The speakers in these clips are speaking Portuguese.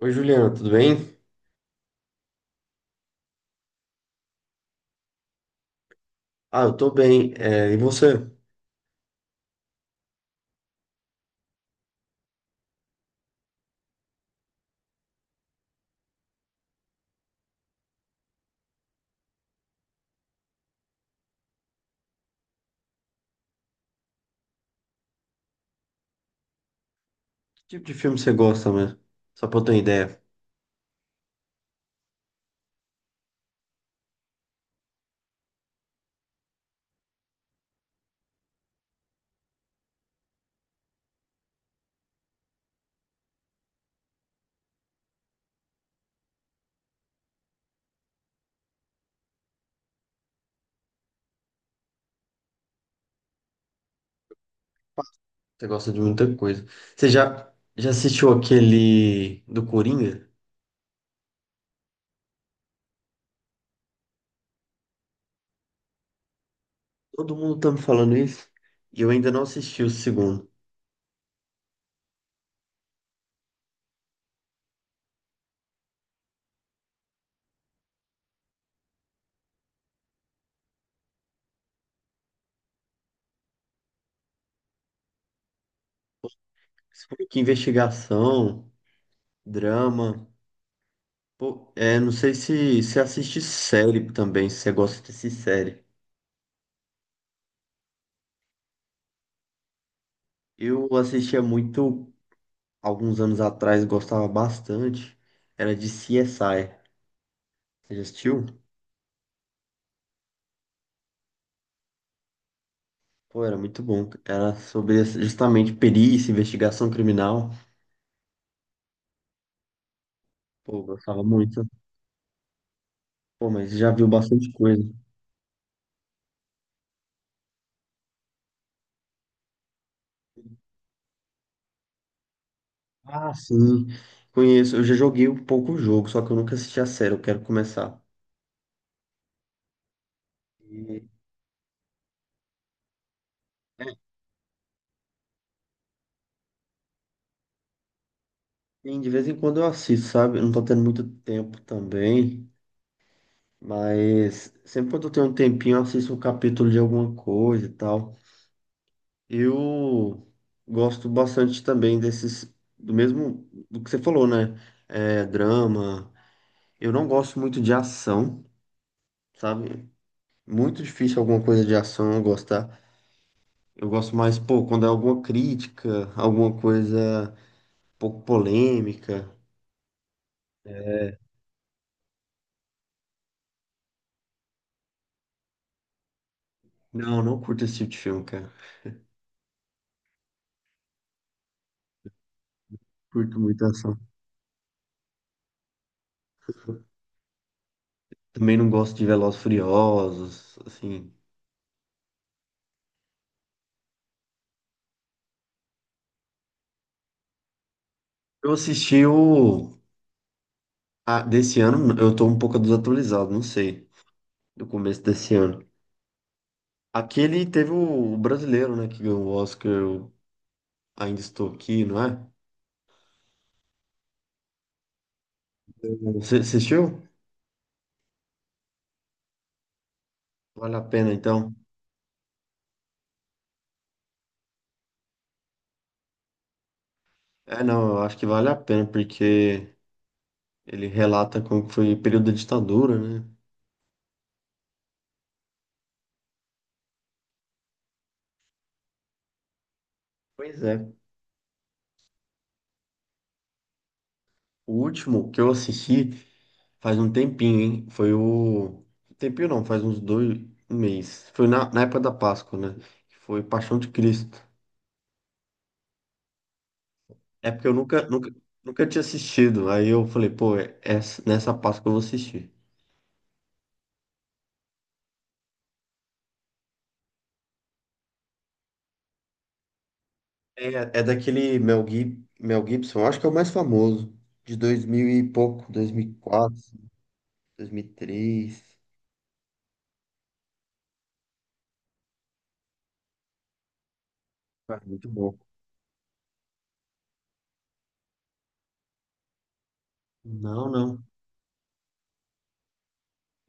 Oi, Juliana, tudo bem? Ah, eu tô bem. É, e você? Que tipo de filme você gosta mesmo? Só pra eu ter uma ideia. Você gosta de muita coisa. Você já assistiu aquele do Coringa? Todo mundo tá me falando isso e eu ainda não assisti o segundo. Esse foi que investigação, drama. Pô, é, não sei se você assiste série também, se você gosta de assistir série. Eu assistia muito alguns anos atrás, gostava bastante. Era de CSI. Você já assistiu? Pô, era muito bom. Era sobre justamente perícia, investigação criminal. Pô, eu gostava muito. Pô, mas já viu bastante coisa. Ah, sim. Conheço. Eu já joguei um pouco o jogo, só que eu nunca assisti a série. Eu quero começar. E, é, sim, de vez em quando eu assisto, sabe? Eu não tô tendo muito tempo também. Mas sempre quando eu tenho um tempinho, eu assisto um capítulo de alguma coisa e tal. Eu gosto bastante também desses. Do mesmo. Do que você falou, né? É, drama. Eu não gosto muito de ação, sabe? Muito difícil alguma coisa de ação eu gostar. Eu gosto mais, pô, quando é alguma crítica, alguma coisa um pouco polêmica. Não, não curto esse tipo de filme, cara. Curto muito ação. Também não gosto de Velozes e Furiosos, assim. Eu assisti o... desse ano, eu tô um pouco desatualizado, não sei, do começo desse ano. Aquele teve o brasileiro, né, que ganhou o Oscar, eu ainda estou aqui, não é? Você assistiu? Vale a pena, então. É, não, eu acho que vale a pena, porque ele relata como que foi o período da ditadura, né? Pois é. O último que eu assisti faz um tempinho, hein? Foi o. Tempinho não, faz uns dois um mês. Foi na época da Páscoa, né? Foi Paixão de Cristo. É porque eu nunca tinha assistido. Aí eu falei, pô, nessa Páscoa eu vou assistir. É, é daquele Mel Gibson, eu acho que é o mais famoso, de 2000 e pouco, 2004, 2003. Cara, muito bom. Não, não.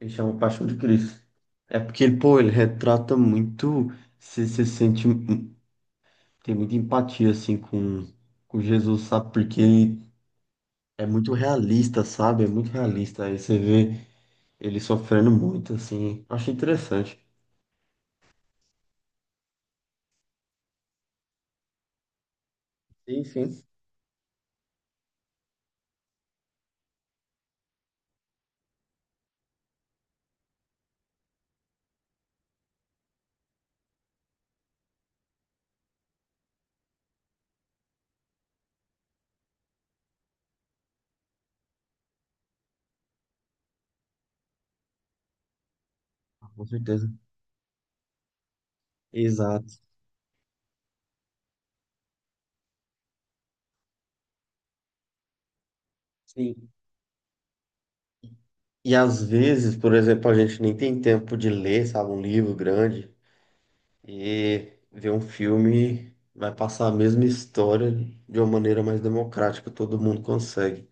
Ele chama Paixão de Cristo. É porque, ele, pô, ele retrata muito. Você se sente. Tem muita empatia, assim, com Jesus, sabe? Porque ele é muito realista, sabe? É muito realista. Aí você vê ele sofrendo muito, assim. Achei interessante. Sim, sim. Com certeza. Exato. Sim. E às vezes, por exemplo, a gente nem tem tempo de ler, sabe? Um livro grande. E ver um filme vai passar a mesma história de uma maneira mais democrática, todo mundo consegue.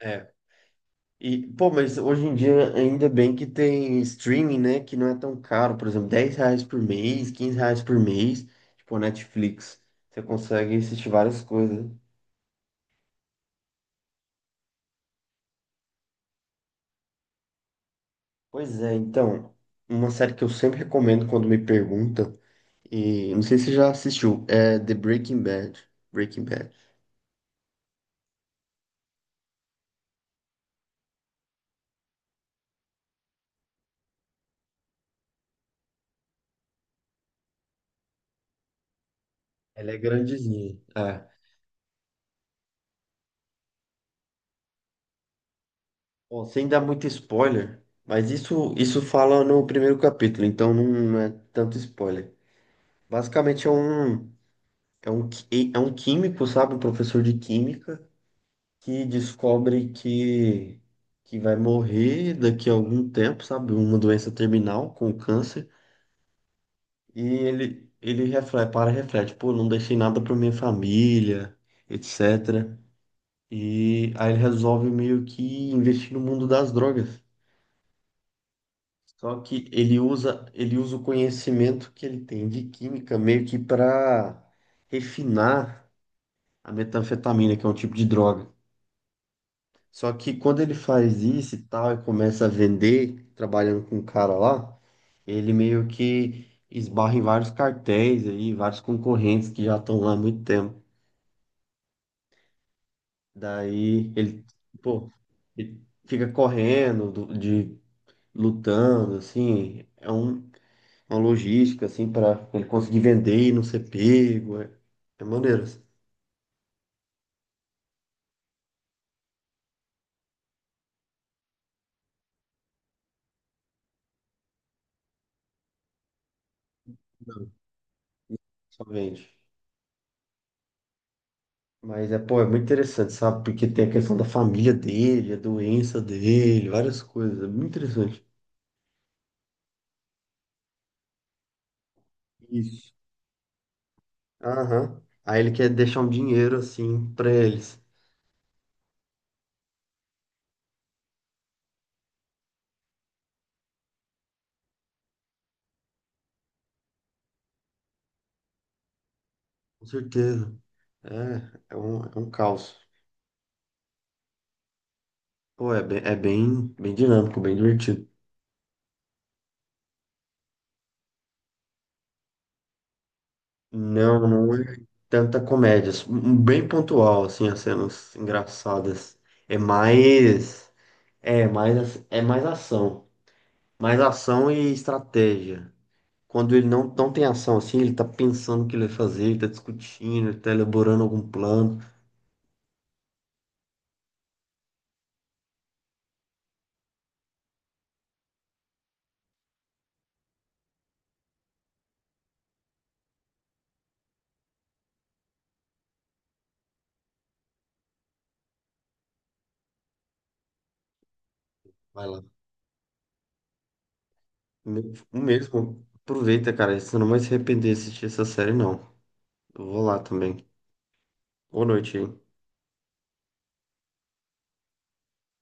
É. E, pô, mas hoje em dia ainda bem que tem streaming, né? Que não é tão caro, por exemplo, R$ 10 por mês, R$ 15 por mês, tipo a Netflix. Você consegue assistir várias coisas. Pois é, então, uma série que eu sempre recomendo quando me perguntam, e não sei se você já assistiu, é The Breaking Bad. Breaking Bad. Ela é grandezinha. É. Bom, sem dar muito spoiler, mas isso fala no primeiro capítulo, então não é tanto spoiler. Basicamente é um químico, sabe, um professor de química que descobre que vai morrer daqui a algum tempo, sabe, uma doença terminal com câncer, e ele reflete, para e reflete, pô, não deixei nada para minha família, etc. E aí ele resolve meio que investir no mundo das drogas. Só que ele usa o conhecimento que ele tem de química meio que para refinar a metanfetamina, que é um tipo de droga. Só que quando ele faz isso e tal, e começa a vender, trabalhando com um cara lá, ele meio que esbarra em vários cartéis aí, vários concorrentes que já estão lá há muito tempo. Daí ele, pô, ele fica correndo, lutando, assim. Uma logística, assim, para ele conseguir vender e não ser pego. É, é maneiro. Assim. Não, só vende. Mas é, pô, é muito interessante, sabe? Porque tem a questão da família dele, a doença dele, várias coisas. É muito interessante. Isso. Aham. Aí ele quer deixar um dinheiro, assim, pra eles. Com certeza. É, é um caos. Pô, bem dinâmico, bem divertido. Não, não é tanta comédia. Bem pontual, assim, as cenas engraçadas. É mais. É mais ação. Mais ação e estratégia. Quando ele não, não tem ação, assim, ele tá pensando o que ele vai fazer, ele tá discutindo, ele tá elaborando algum plano. Vai lá. Mesmo, aproveita, cara. Você não vai se arrepender de assistir essa série, não. Eu vou lá também. Boa noite aí.